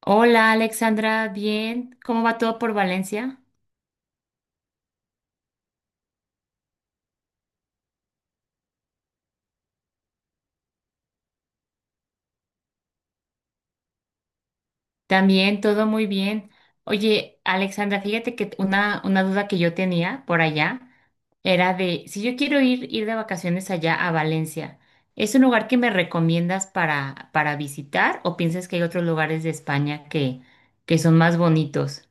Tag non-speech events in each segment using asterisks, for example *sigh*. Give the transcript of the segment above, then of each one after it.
Hola Alexandra, bien. ¿Cómo va todo por Valencia? También, todo muy bien. Oye, Alexandra, fíjate que una duda que yo tenía por allá era de si yo quiero ir de vacaciones allá a Valencia, ¿es un lugar que me recomiendas para visitar o piensas que hay otros lugares de España que son más bonitos?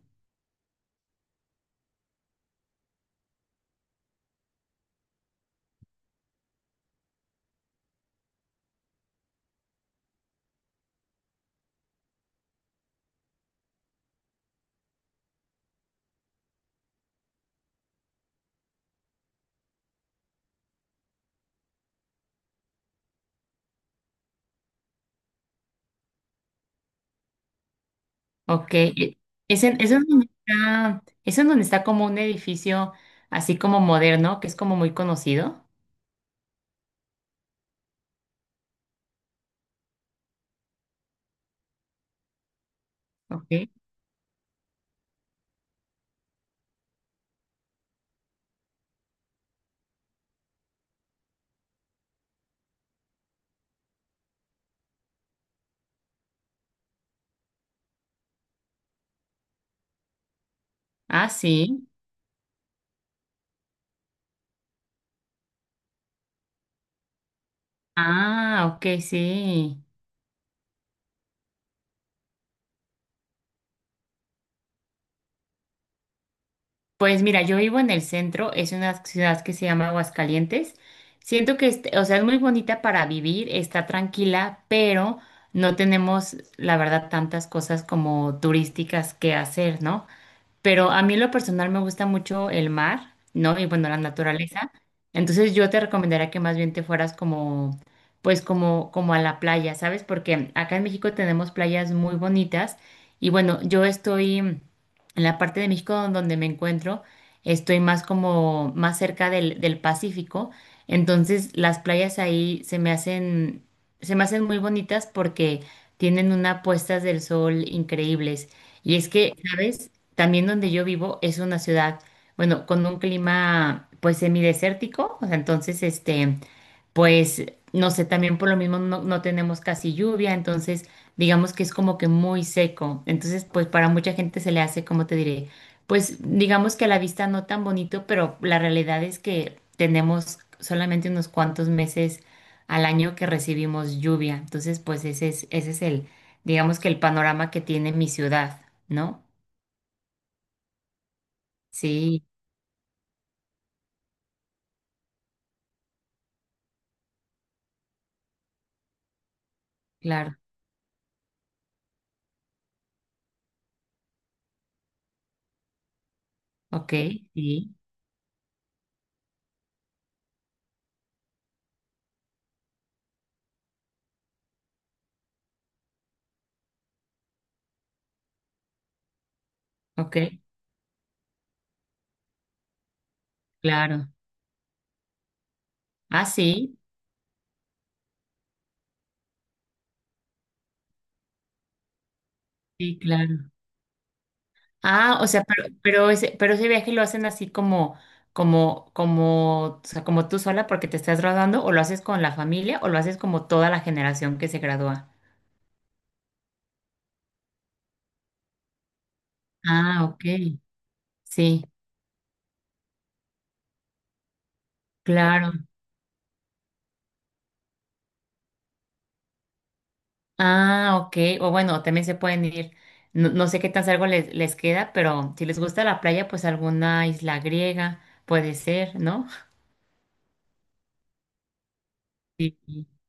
Ok, es en donde está, es en donde está como un edificio así como moderno, que es como muy conocido. Ok. Ah, sí. Ah, ok, sí. Pues mira, yo vivo en el centro, es una ciudad que se llama Aguascalientes. Siento que, o sea, es muy bonita para vivir, está tranquila, pero no tenemos, la verdad, tantas cosas como turísticas que hacer, ¿no? Pero a mí en lo personal me gusta mucho el mar, ¿no? Y bueno, la naturaleza. Entonces yo te recomendaría que más bien te fueras como, pues como, como a la playa, ¿sabes? Porque acá en México tenemos playas muy bonitas y bueno, yo estoy en la parte de México donde me encuentro, estoy más como, más cerca del Pacífico. Entonces las playas ahí se me hacen muy bonitas porque tienen unas puestas del sol increíbles. Y es que, ¿sabes? También donde yo vivo es una ciudad, bueno, con un clima pues semidesértico, o sea, entonces este, pues no sé, también por lo mismo no tenemos casi lluvia, entonces digamos que es como que muy seco, entonces pues para mucha gente se le hace, como te diré, pues digamos que a la vista no tan bonito, pero la realidad es que tenemos solamente unos cuantos meses al año que recibimos lluvia, entonces pues ese es digamos que el panorama que tiene mi ciudad, ¿no? Sí, claro. Ok, sí, ok, claro. Ah, sí, sí, claro. Ah, o sea, pero ese viaje lo hacen así como, o sea, como tú sola porque te estás graduando, o lo haces con la familia, o lo haces como toda la generación que se gradúa. Ah, ok. Sí, claro. Ah, ok. O bueno, también se pueden ir. No, no sé qué tan cerca les queda, pero si les gusta la playa, pues alguna isla griega puede ser, ¿no? *laughs* Sí.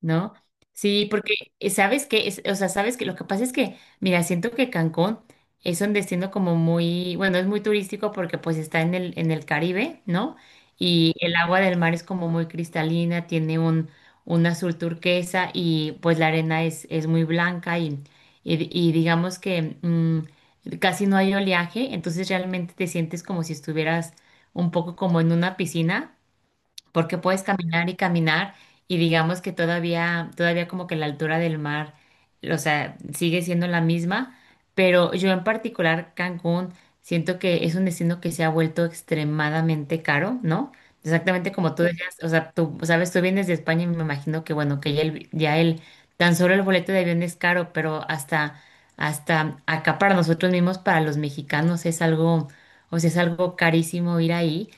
¿No? Sí, porque sabes que, es, o sea, sabes que lo que pasa es que, mira, siento que Cancún es un destino como muy, bueno, es muy turístico porque pues está en el Caribe, ¿no? Y el agua del mar es como muy cristalina, tiene un azul turquesa y pues la arena es muy blanca y digamos que casi no hay oleaje, entonces realmente te sientes como si estuvieras un poco como en una piscina porque puedes caminar y caminar y digamos que todavía como que la altura del mar, o sea, sigue siendo la misma, pero yo en particular Cancún siento que es un destino que se ha vuelto extremadamente caro, ¿no? Exactamente como tú decías, o sea, tú sabes, tú vienes de España y me imagino que bueno, que ya el, tan solo el boleto de avión es caro, hasta acá para nosotros mismos, para los mexicanos es algo, o sea, es algo carísimo ir ahí.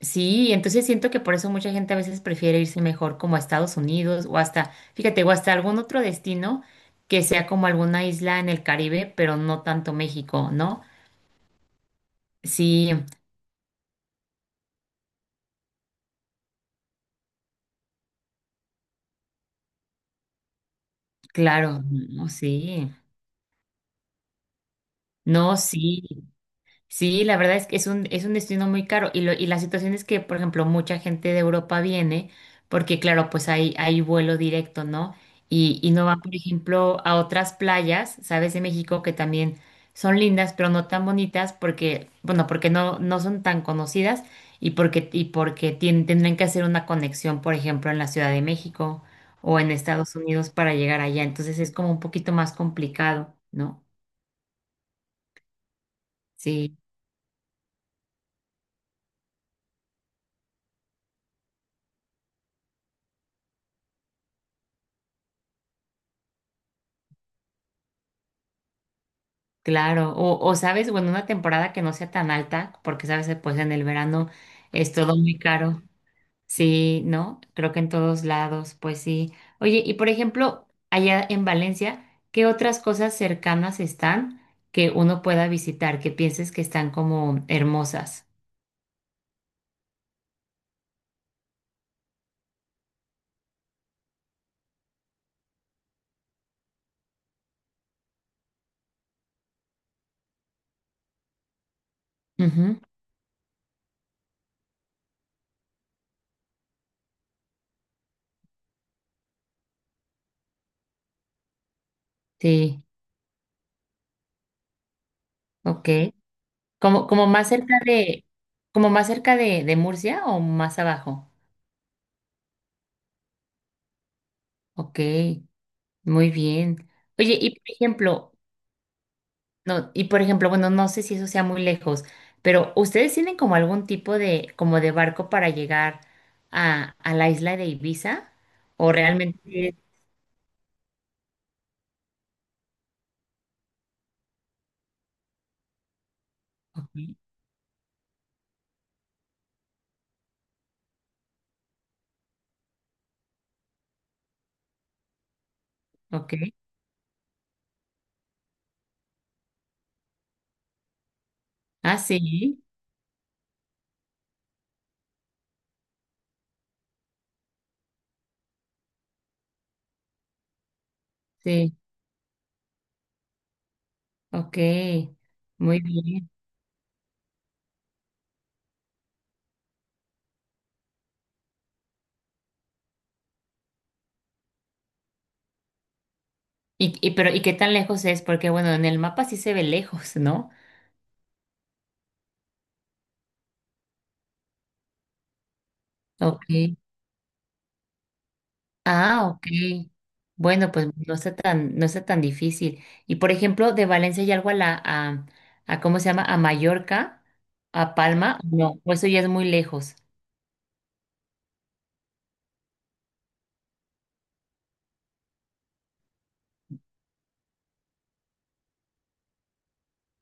Sí, entonces siento que por eso mucha gente a veces prefiere irse mejor como a Estados Unidos o hasta, fíjate, o hasta algún otro destino que sea como alguna isla en el Caribe, pero no tanto México, ¿no? Sí, claro, no, sí, no, sí. Sí, la verdad es que es es un destino muy caro y, lo, y la situación es que, por ejemplo, mucha gente de Europa viene porque, claro, pues hay vuelo directo, ¿no? Y no van, por ejemplo, a otras playas, ¿sabes? De México que también son lindas, pero no tan bonitas porque, bueno, porque no son tan conocidas y porque tendrán que hacer una conexión, por ejemplo, en la Ciudad de México o en Estados Unidos para llegar allá. Entonces es como un poquito más complicado, ¿no? Sí. Claro, o sabes, bueno, una temporada que no sea tan alta, porque sabes, que, pues en el verano es todo muy caro. Sí, ¿no? Creo que en todos lados, pues sí. Oye, y por ejemplo, allá en Valencia, ¿qué otras cosas cercanas están que uno pueda visitar, que pienses que están como hermosas? Ujú. Sí, ok. Como más cerca de, como más cerca de Murcia o más abajo. Ok, muy bien. Oye, y por ejemplo, no, y por ejemplo, bueno, no sé si eso sea muy lejos, pero ¿ustedes tienen como algún tipo de, como de barco para llegar a la isla de Ibiza? ¿O realmente es- Ok, ok. Ah, sí, sí, ok. Muy bien. Y pero, ¿y qué tan lejos es? Porque bueno, en el mapa sí se ve lejos, ¿no? Ok. Ah, ok. Bueno, pues no está tan, no está tan difícil. Y por ejemplo, de Valencia y algo a ¿cómo se llama? A Mallorca, a Palma, no, o eso ya es muy lejos.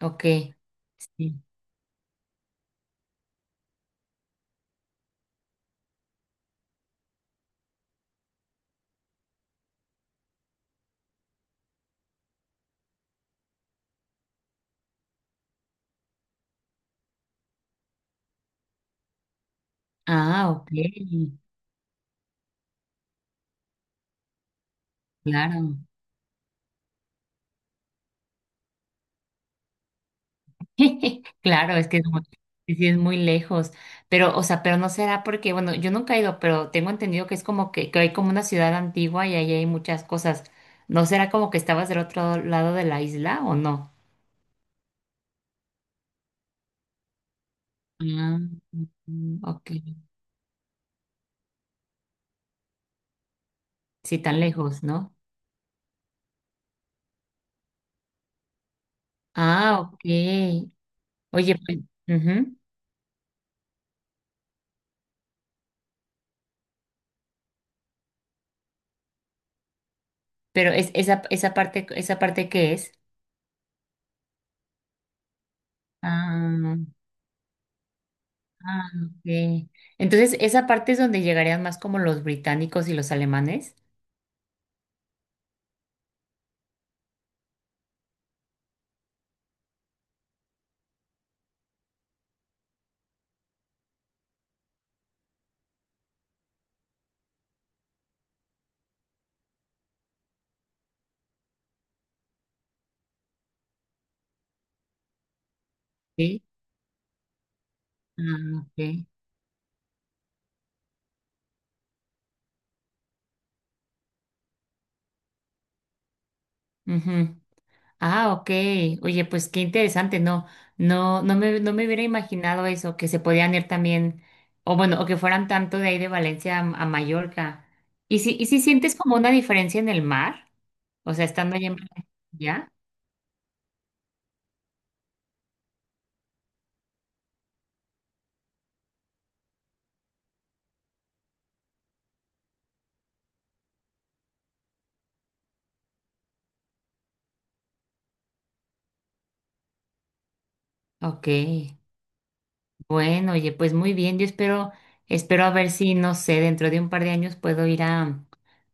Ok, sí. Ah, ok, claro. *laughs* Claro, es que es muy, sí sí es muy lejos. Pero, o sea, pero no será porque, bueno, yo nunca he ido, pero tengo entendido que es como que hay como una ciudad antigua y ahí hay muchas cosas. ¿No será como que estabas del otro lado de la isla o no? Ah, ok. Sí, tan lejos, ¿no? Ah, ok. Oye, pues, ujú. Pero es ¿esa parte qué es? Ah, ah, ok. Entonces, esa parte es donde llegarían más como los británicos y los alemanes. Sí. Ah, ok. Ujú. Ah, ok. Oye, pues qué interesante, no me, no me hubiera imaginado eso, que se podían ir también, o bueno, o que fueran tanto de ahí de Valencia a Mallorca. ¿ Y si sientes como una diferencia en el mar? O sea, estando allá en Valencia, ¿ya? Ok. Bueno, oye, pues muy bien. Yo espero, espero a ver si, no sé, dentro de un par de años puedo ir a,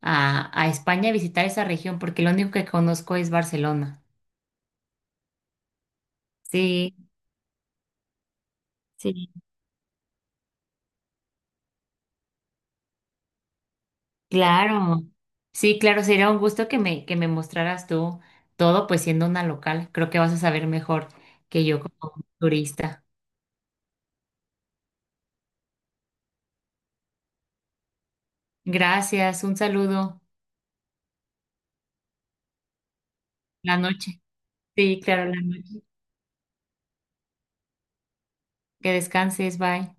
a, a España a visitar esa región, porque lo único que conozco es Barcelona. Sí, sí. Claro, sí, claro, sería un gusto que me mostraras tú todo, pues siendo una local. Creo que vas a saber mejor que yo como turista. Gracias, un saludo. La noche. Sí, claro, la noche. Que descanses, bye.